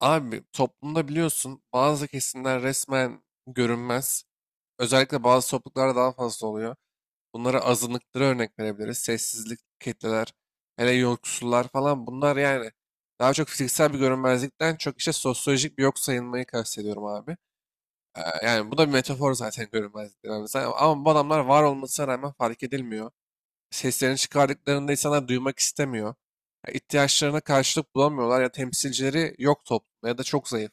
Abi toplumda biliyorsun bazı kesimler resmen görünmez. Özellikle bazı topluluklarda daha fazla oluyor. Bunlara azınlıklara örnek verebiliriz. Sessizlik kitleler, hele yoksullar falan bunlar yani daha çok fiziksel bir görünmezlikten çok işte sosyolojik bir yok sayılmayı kastediyorum abi. Yani bu da bir metafor zaten görünmezlik dediğimiz. Ama bu adamlar var olmasına rağmen fark edilmiyor. Seslerini çıkardıklarında insanlar duymak istemiyor. Ya ihtiyaçlarına karşılık bulamıyorlar ya temsilcileri yok toplumda ya da çok zayıf.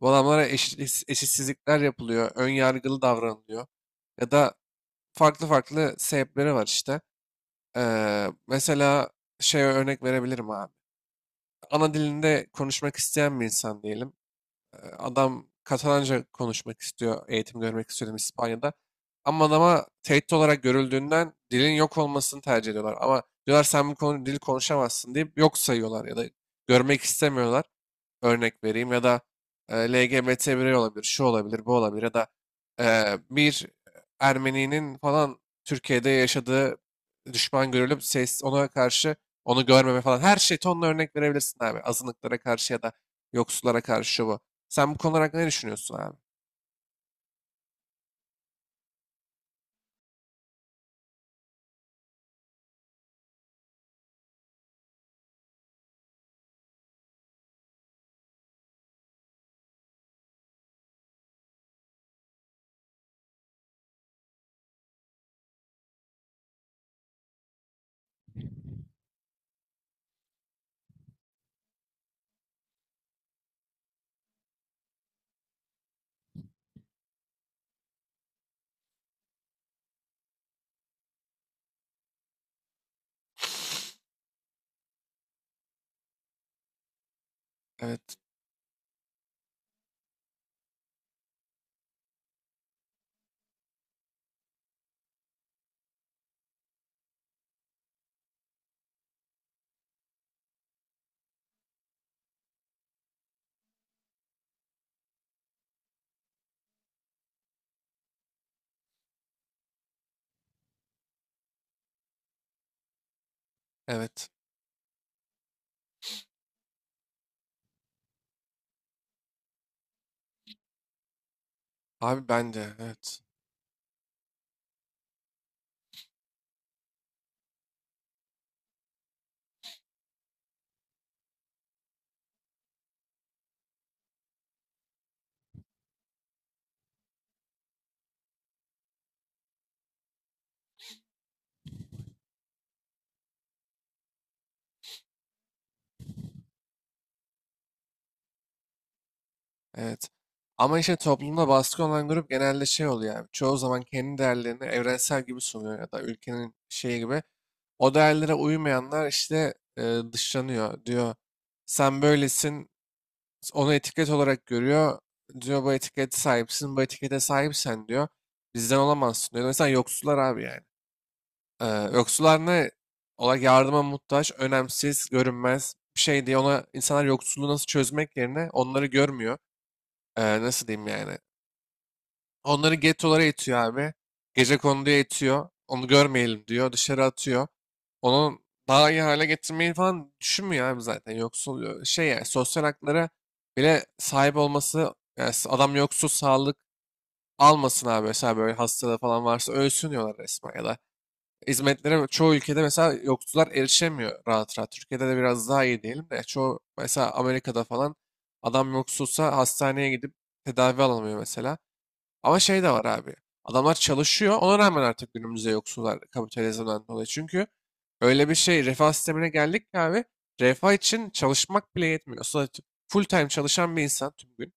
Bu adamlara eşit, eşitsizlikler yapılıyor, ön yargılı davranılıyor. Ya da farklı farklı sebepleri var işte. Mesela şey örnek verebilirim abi. Ana dilinde konuşmak isteyen bir insan diyelim. Adam Katalanca konuşmak istiyor, eğitim görmek istiyor İspanya'da. Ama adama tehdit olarak görüldüğünden dilin yok olmasını tercih ediyorlar. Ama diyorlar sen bu konu dil konuşamazsın deyip yok sayıyorlar ya da görmek istemiyorlar örnek vereyim ya da LGBT birey olabilir, şu olabilir, bu olabilir ya da bir Ermeni'nin falan Türkiye'de yaşadığı düşman görülüp ses ona karşı onu görmeme falan her şey tonla örnek verebilirsin abi. Azınlıklara karşı ya da yoksullara karşı şu bu. Sen bu konular hakkında ne düşünüyorsun abi? Evet, evet. Abi ben de evet. Evet. Ama işte toplumda baskı olan grup genelde şey oluyor abi. Çoğu zaman kendi değerlerini evrensel gibi sunuyor ya da ülkenin şeyi gibi. O değerlere uymayanlar işte dışlanıyor. Diyor sen böylesin onu etiket olarak görüyor. Diyor bu etikete sahipsin bu etikete sahipsen diyor. Bizden olamazsın diyor. Mesela yoksullar abi yani. Ee, Yoksullar ne? Ola yardıma muhtaç, önemsiz, görünmez bir şey diye ona insanlar yoksulluğu nasıl çözmek yerine onları görmüyor. Nasıl diyeyim yani? Onları gettolara itiyor abi. Gecekonduya itiyor. Onu görmeyelim diyor. Dışarı atıyor. Onu daha iyi hale getirmeyi falan düşünmüyor abi zaten. Yoksul şey yani sosyal haklara bile sahip olması yani adam yoksul sağlık almasın abi. Mesela böyle hastalığı falan varsa ölsün diyorlar resmen ya da hizmetlere çoğu ülkede mesela yoksullar erişemiyor rahat rahat. Türkiye'de de biraz daha iyi diyelim de çoğu mesela Amerika'da falan adam yoksulsa hastaneye gidip tedavi alamıyor mesela. Ama şey de var abi. Adamlar çalışıyor. Ona rağmen artık günümüzde yoksullar kapitalizmden dolayı. Çünkü öyle bir şey refah sistemine geldik ki abi. Refah için çalışmak bile yetmiyor. Sadece full time çalışan bir insan tüm gün.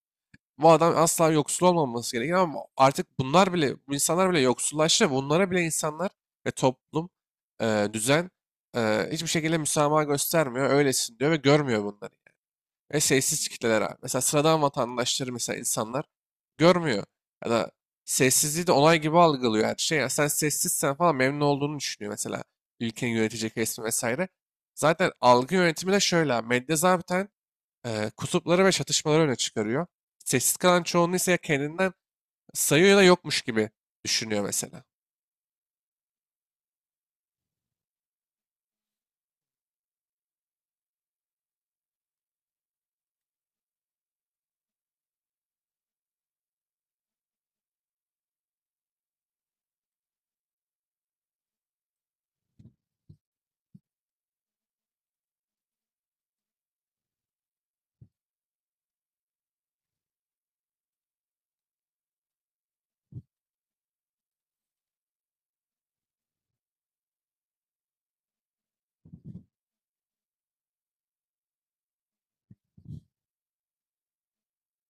Bu adam asla yoksul olmaması gerekiyor ama artık bunlar bile, bu insanlar bile yoksullaştı. Bunlara bile insanlar ve toplum, düzen hiçbir şekilde müsamaha göstermiyor. Öylesin diyor ve görmüyor bunları. Ve sessiz kitleler abi. Mesela sıradan vatandaşları mesela insanlar görmüyor. Ya da sessizliği de olay gibi algılıyor her şey. Ya sen sessizsen falan memnun olduğunu düşünüyor mesela. Ülkenin yönetecek resmi vesaire. Zaten algı yönetimi de şöyle abi. Medya zaten kutupları ve çatışmaları öne çıkarıyor. Sessiz kalan çoğunluğu ise ya kendinden sayıyor ya da yokmuş gibi düşünüyor mesela.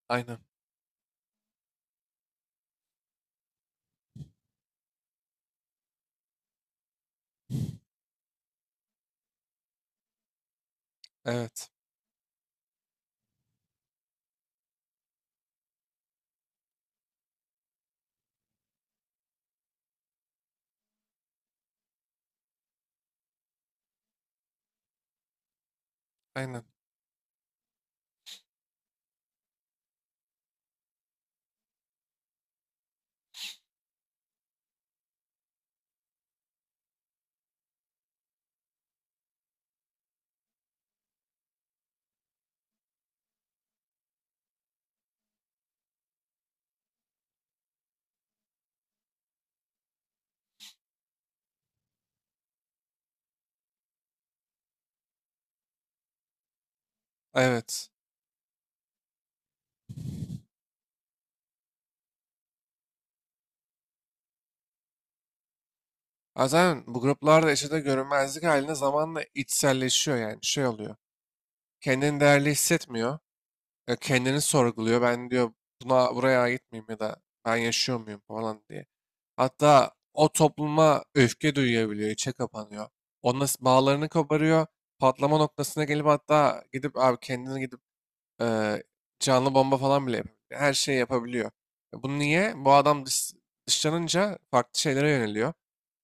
Aynen. Evet. Aynen. Evet. Ha, zaten bu gruplarda yaşadığı görünmezlik haline zamanla içselleşiyor yani şey oluyor. Kendini değerli hissetmiyor. Kendini sorguluyor. Ben diyor buna buraya ait miyim ya da ben yaşıyor muyum falan diye. Hatta o topluma öfke duyabiliyor, içe kapanıyor. Onunla bağlarını koparıyor. Patlama noktasına gelip hatta gidip abi kendini gidip e, canlı bomba falan bile yapabiliyor. Her şeyi yapabiliyor. Bu niye? Bu adam dışlanınca farklı şeylere yöneliyor.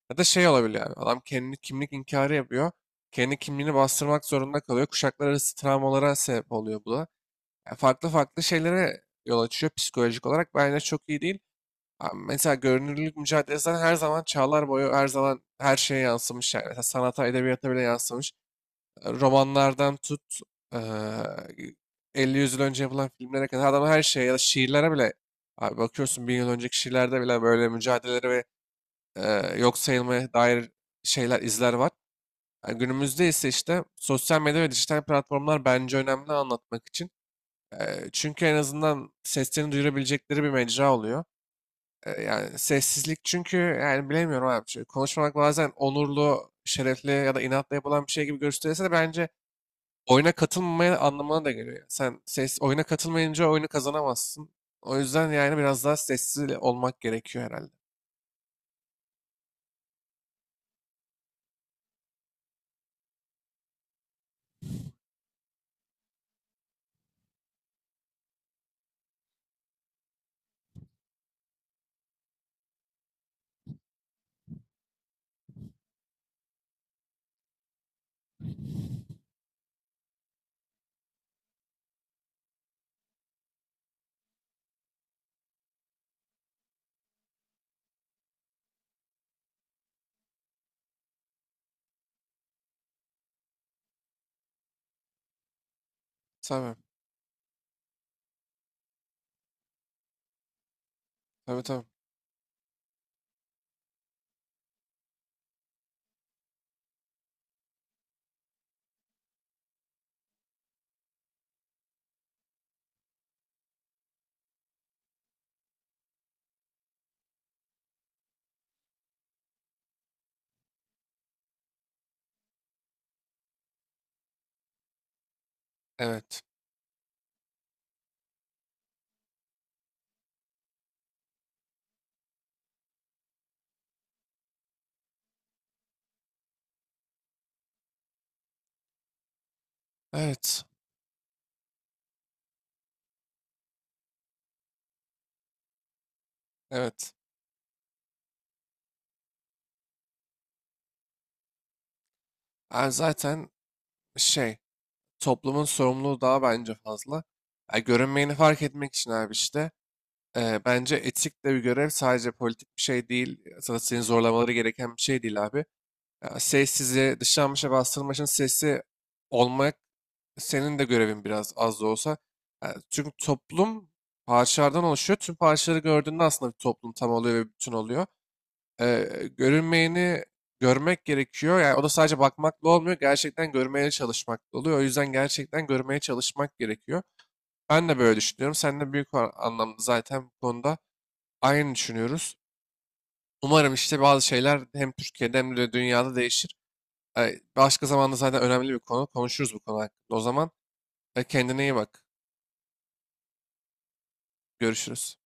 Ya da şey olabiliyor abi. Adam kendini kimlik inkarı yapıyor. Kendi kimliğini bastırmak zorunda kalıyor. Kuşaklar arası travmalara sebep oluyor bu da. Yani farklı farklı şeylere yol açıyor psikolojik olarak. Bence çok iyi değil. Abi mesela görünürlük mücadelesi zaten her zaman çağlar boyu her zaman her şeye yansımış. Yani, mesela sanata, edebiyata bile yansımış. Romanlardan tut eee 50 yüz yıl önce yapılan filmlere kadar adam her şeye ya da şiirlere bile abi bakıyorsun 1000 yıl önceki şiirlerde bile böyle mücadeleleri ve yok sayılmaya dair şeyler, izler var. Yani günümüzde ise işte sosyal medya ve dijital platformlar bence önemli anlatmak için. Çünkü en azından seslerini duyurabilecekleri bir mecra oluyor. Yani sessizlik çünkü yani bilemiyorum abi. Çünkü konuşmamak bazen onurlu, şerefli ya da inatla yapılan bir şey gibi gösterilse de bence oyuna katılmamaya anlamına da geliyor. Sen ses oyuna katılmayınca oyunu kazanamazsın. O yüzden yani biraz daha sessiz olmak gerekiyor herhalde. Tabii, tabii tabii. Evet. Evet. Evet. Yani zaten şey toplumun sorumluluğu daha bence fazla. Yani görünmeyeni fark etmek için abi işte bence etik de bir görev sadece politik bir şey değil. Zaten seni zorlamaları gereken bir şey değil abi. Ya sessizliğe, dışlanmış ve bastırılmışın sesi olmak senin de görevin biraz az da olsa. Yani çünkü toplum parçalardan oluşuyor. Tüm parçaları gördüğünde aslında bir toplum tam oluyor ve bir bütün oluyor. Görünmeyeni görmek gerekiyor. Yani o da sadece bakmakla olmuyor. Gerçekten görmeye çalışmakla oluyor. O yüzden gerçekten görmeye çalışmak gerekiyor. Ben de böyle düşünüyorum. Sen de büyük anlamda zaten bu konuda aynı düşünüyoruz. Umarım işte bazı şeyler hem Türkiye'de hem de dünyada değişir. Başka zamanda zaten önemli bir konu. Konuşuruz bu konu hakkında. O zaman kendine iyi bak. Görüşürüz.